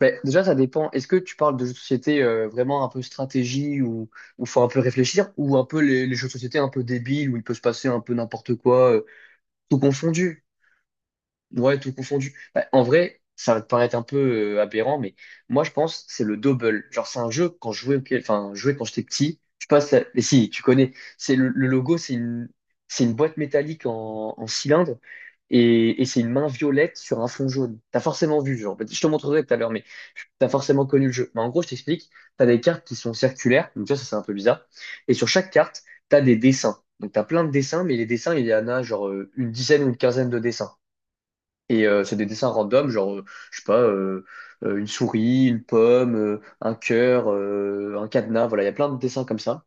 Ben, déjà, ça dépend. Est-ce que tu parles de jeux de société vraiment un peu stratégie ou où faut un peu réfléchir ou un peu les jeux de société un peu débiles où il peut se passer un peu n'importe quoi, tout confondu? Ouais, tout confondu. Bah, en vrai, ça va te paraître un peu aberrant, mais moi, je pense c'est le double. Genre, c'est un jeu quand je jouais, enfin, je jouais quand j'étais petit. Je passe, à... mais si, tu connais. C'est le logo, c'est une boîte métallique en cylindre et c'est une main violette sur un fond jaune. T'as forcément vu, genre. Je te montrerai tout à l'heure, mais t'as forcément connu le jeu. Mais en gros, je t'explique. T'as des cartes qui sont circulaires, donc ça, c'est un peu bizarre. Et sur chaque carte, t'as des dessins. Donc, t'as plein de dessins, mais les dessins, il y en a genre une dizaine ou une quinzaine de dessins. Et c'est des dessins random, genre, je sais pas, une souris, une pomme, un cœur, un cadenas, voilà, il y a plein de dessins comme ça.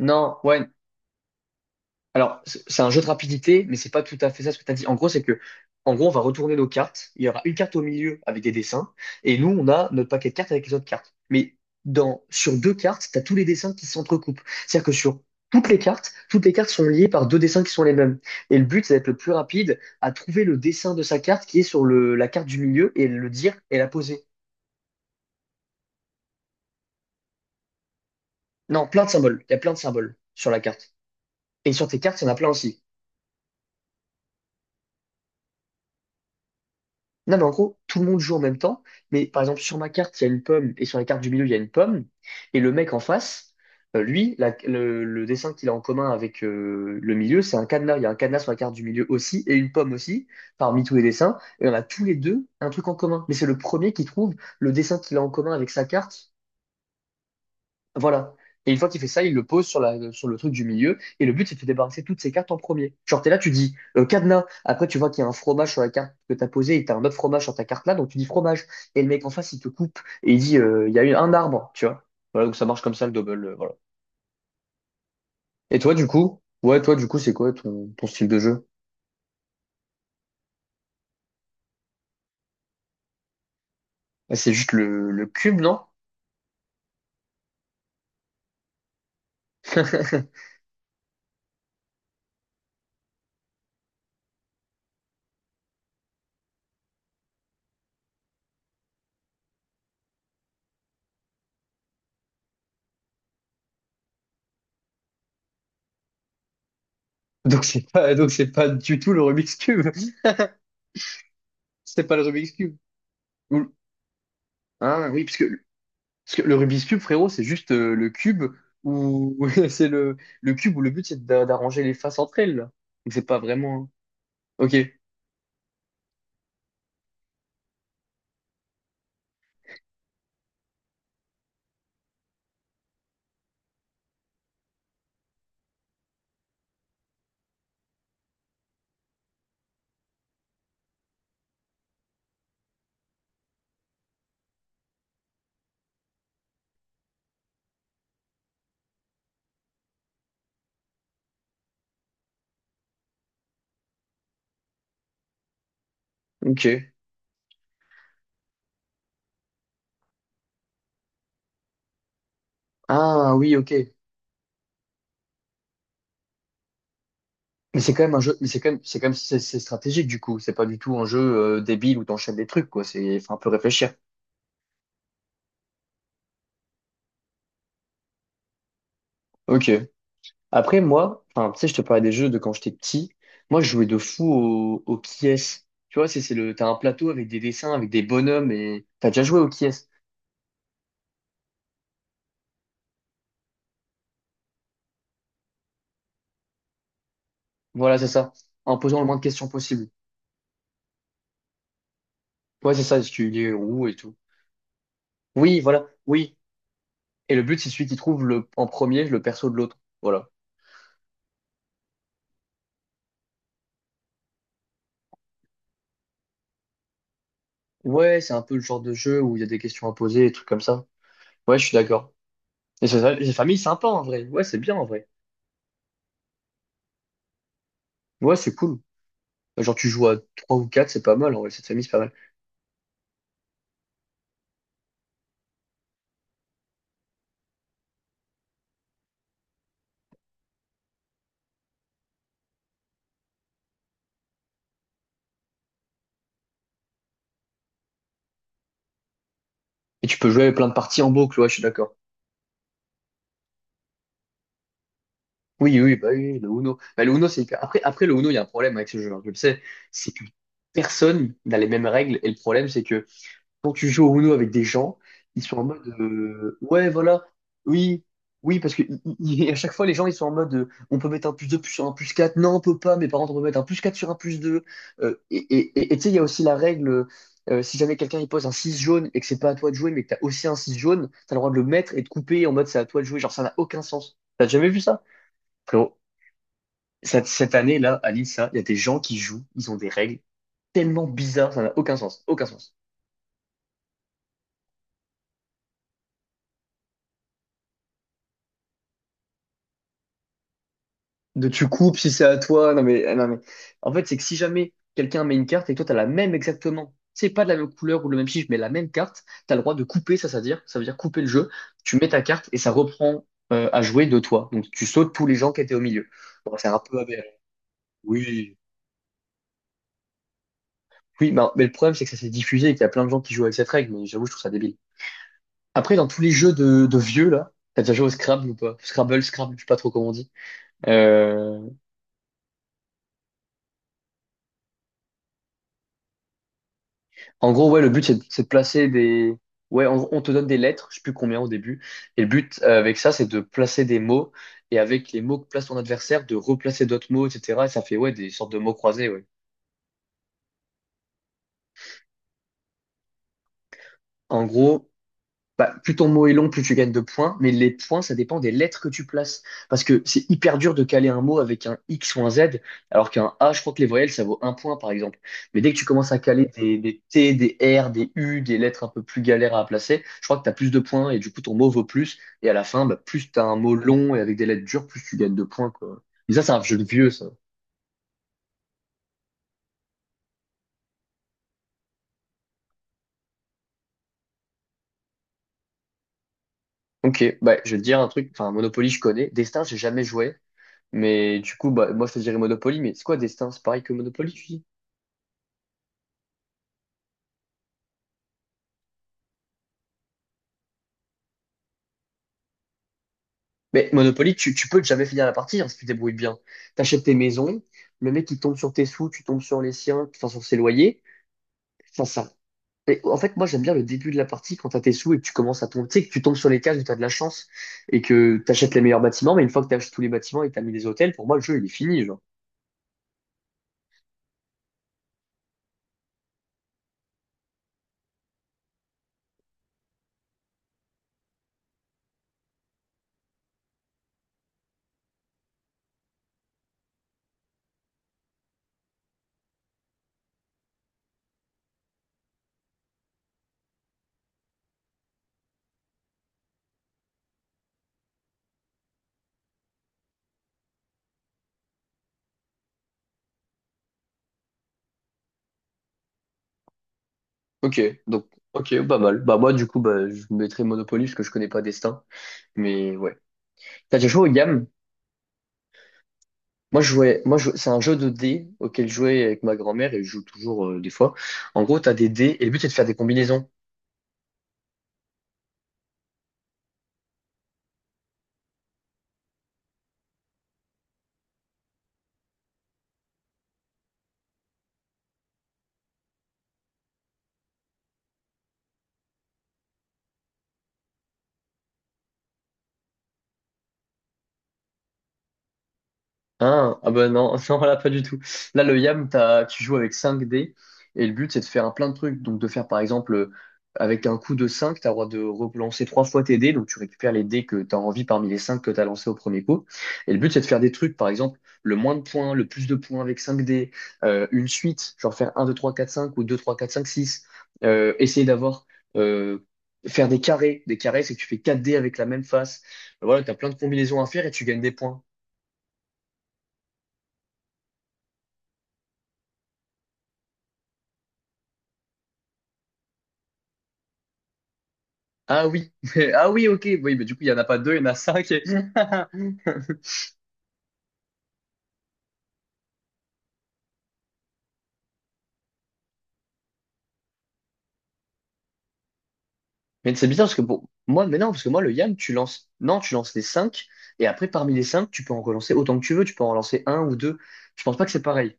Non, ouais, alors, c'est un jeu de rapidité, mais c'est pas tout à fait ça ce que tu as dit. En gros, c'est que, en gros, on va retourner nos cartes. Il y aura une carte au milieu avec des dessins, et nous, on a notre paquet de cartes avec les autres cartes. Mais dans, sur deux cartes, tu as tous les dessins qui s'entrecoupent. C'est-à-dire que sur toutes les cartes sont liées par deux dessins qui sont les mêmes. Et le but, c'est d'être le plus rapide à trouver le dessin de sa carte qui est sur le, la carte du milieu et le dire et la poser. Non, plein de symboles. Il y a plein de symboles sur la carte. Et sur tes cartes, il y en a plein aussi. Non, mais en gros, tout le monde joue en même temps. Mais par exemple, sur ma carte, il y a une pomme, et sur la carte du milieu, il y a une pomme. Et le mec en face, lui, le dessin qu'il a en commun avec le milieu, c'est un cadenas. Il y a un cadenas sur la carte du milieu aussi, et une pomme aussi, parmi tous les dessins. Et on a tous les deux un truc en commun. Mais c'est le premier qui trouve le dessin qu'il a en commun avec sa carte, voilà. Et une fois qu'il fait ça, il le pose sur la, sur le truc du milieu. Et le but, c'est de se débarrasser de toutes ces cartes en premier. Genre, t'es là, tu dis cadenas. Après, tu vois qu'il y a un fromage sur la carte que t'as posée et t'as un autre fromage sur ta carte là. Donc, tu dis fromage. Et le mec en face, il te coupe et il dit il y a eu un arbre, tu vois. Voilà, donc ça marche comme ça le double. Voilà. Et toi, du coup, ouais, toi, du coup, c'est quoi ton, ton style de jeu? Ah, c'est juste le cube, non? Donc c'est pas du tout le Rubik's Cube. C'est pas le Rubik's Cube. Ou- ah oui, parce que parce que le Rubik's Cube, frérot, c'est juste le cube où c'est le cube où le but c'est d'arranger les faces entre elles, là. Donc c'est pas vraiment. Hein. Ok, ok. Ah oui, ok. Mais c'est quand même un jeu, mais c'est quand même, c'est quand même c'est stratégique du coup. C'est pas du tout un jeu débile où t'enchaînes des trucs, quoi. C'est, faut un peu réfléchir. Ok. Après, moi, enfin, tu sais, je te parlais des jeux de quand j'étais petit. Moi, je jouais de fou au Kies. Tu vois, c'est le, t'as un plateau avec des dessins, avec des bonhommes et t'as déjà joué au Kies. Voilà, c'est ça. En posant le moins de questions possible. Ouais, c'est ça, ce qu'il est roux et tout. Oui, voilà, oui. Et le but, c'est celui qui trouve le, en premier le perso de l'autre. Voilà. Ouais, c'est un peu le genre de jeu où il y a des questions à poser, des trucs comme ça. Ouais, je suis d'accord. Et c'est ça, les familles, c'est sympa en vrai. Ouais, c'est bien en vrai. Ouais, c'est cool. Genre, tu joues à 3 ou 4 c'est pas mal en vrai, cette famille, c'est pas mal. Et tu peux jouer plein de parties en boucle, ouais, je suis d'accord. Oui, oui, bah oui, le Uno. Bah, le Uno, c'est hyper- après, après, le Uno, il y a un problème avec ce jeu, hein, je le sais. C'est que personne n'a les mêmes règles et le problème, c'est que quand tu joues au Uno avec des gens, ils sont en mode ouais, voilà, oui, oui, parce que à chaque fois, les gens ils sont en mode on peut mettre un plus 2 sur un plus 4 non, on peut pas, mes parents contre, on peut mettre un plus 4 sur un plus deux. Et tu sais, il y a aussi la règle si jamais quelqu'un il pose un 6 jaune et que c'est pas à toi de jouer, mais que t'as aussi un 6 jaune, t'as le droit de le mettre et de couper en mode c'est à toi de jouer, genre ça n'a aucun sens. T'as jamais vu ça? Frérot, cette année-là, à l'INSA, il y a des gens qui jouent, ils ont des règles tellement bizarres, ça n'a aucun sens, aucun sens. De tu coupes si c'est à toi. Non mais, non mais, en fait, c'est que si jamais quelqu'un met une carte et que toi, t'as la même exactement, c'est pas de la même couleur ou le même chiffre, mais la même carte, t'as le droit de couper, ça, ça veut dire couper le jeu. Tu mets ta carte et ça reprend à jouer de toi. Donc, tu sautes tous les gens qui étaient au milieu. Bon, c'est un peu aberrant. Oui. Oui, bah, mais le problème, c'est que ça s'est diffusé et qu'il y a plein de gens qui jouent avec cette règle, mais j'avoue, je trouve ça débile. Après, dans tous les jeux de vieux, là, t'as déjà joué au Scrabble ou pas? Scrabble, Scrabble, je sais pas trop comment on dit. Euh, En gros, ouais, le but, c'est de placer des... Ouais, on te donne des lettres, je sais plus combien au début. Et le but avec ça, c'est de placer des mots. Et avec les mots que place ton adversaire, de replacer d'autres mots, etc. Et ça fait, ouais, des sortes de mots croisés, ouais. En gros, bah, plus ton mot est long, plus tu gagnes de points, mais les points, ça dépend des lettres que tu places. Parce que c'est hyper dur de caler un mot avec un X ou un Z, alors qu'un A, je crois que les voyelles, ça vaut un point, par exemple. Mais dès que tu commences à caler des T, des R, des U, des lettres un peu plus galères à placer, je crois que tu as plus de points et du coup, ton mot vaut plus. Et à la fin, bah, plus tu as un mot long et avec des lettres dures, plus tu gagnes de points, quoi. Mais ça, c'est un jeu de vieux, ça. Ok, bah, je vais te dire un truc. Enfin, Monopoly, je connais. Destin, j'ai jamais joué. Mais du coup, bah, moi, je te dirais Monopoly, mais c'est quoi Destin? C'est pareil que Monopoly, tu dis? Mais Monopoly, tu peux jamais finir la partie hein, si tu te débrouilles bien. T'achètes tes maisons, le mec il tombe sur tes sous, tu tombes sur les siens, enfin sur ses loyers. Enfin, ça. Et en fait, moi j'aime bien le début de la partie quand t'as tes sous et que tu commences à tomber. Tu sais que tu tombes sur les cases où t'as de la chance et que t'achètes les meilleurs bâtiments, mais une fois que t'achètes tous les bâtiments et que t'as mis des hôtels, pour moi le jeu il est fini, genre. Ok, donc ok, pas mal. Bah moi du coup bah je mettrais Monopoly parce que je connais pas Destin. Mais ouais. T'as déjà joué aux games? Moi, je jouais, c'est un jeu de dés auquel je jouais avec ma grand-mère et je joue toujours des fois. En gros, tu as des dés et le but, c'est de faire des combinaisons. Hein, ah ben non, non, là pas du tout. Là, le YAM, t'as, tu joues avec 5 dés et le but c'est de faire un plein de trucs. Donc de faire par exemple, avec un coup de 5 t'as le droit de relancer trois fois tes dés. Donc tu récupères les dés que t'as envie parmi les 5 que t'as lancés au premier coup. Et le but c'est de faire des trucs, par exemple, le moins de points, le plus de points avec 5 dés, une suite, genre faire un 2 3 4 5 ou 2 3 4 5 six. Essayer d'avoir, euh, faire des carrés. Des carrés, c'est que tu fais 4 dés avec la même face. Voilà, t'as plein de combinaisons à faire et tu gagnes des points. Ah oui, ah oui, ok, oui, mais du coup, il n'y en a pas deux, il y en a cinq. Et- mais c'est bizarre parce que pour moi, mais non, parce que moi, le yam, tu lances, non, tu lances les cinq, et après, parmi les cinq, tu peux en relancer autant que tu veux, tu peux en relancer un ou deux. Je pense pas que c'est pareil.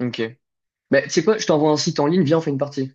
Ok. Mais tu sais quoi, je t'envoie un site en ligne, viens, on fait une partie.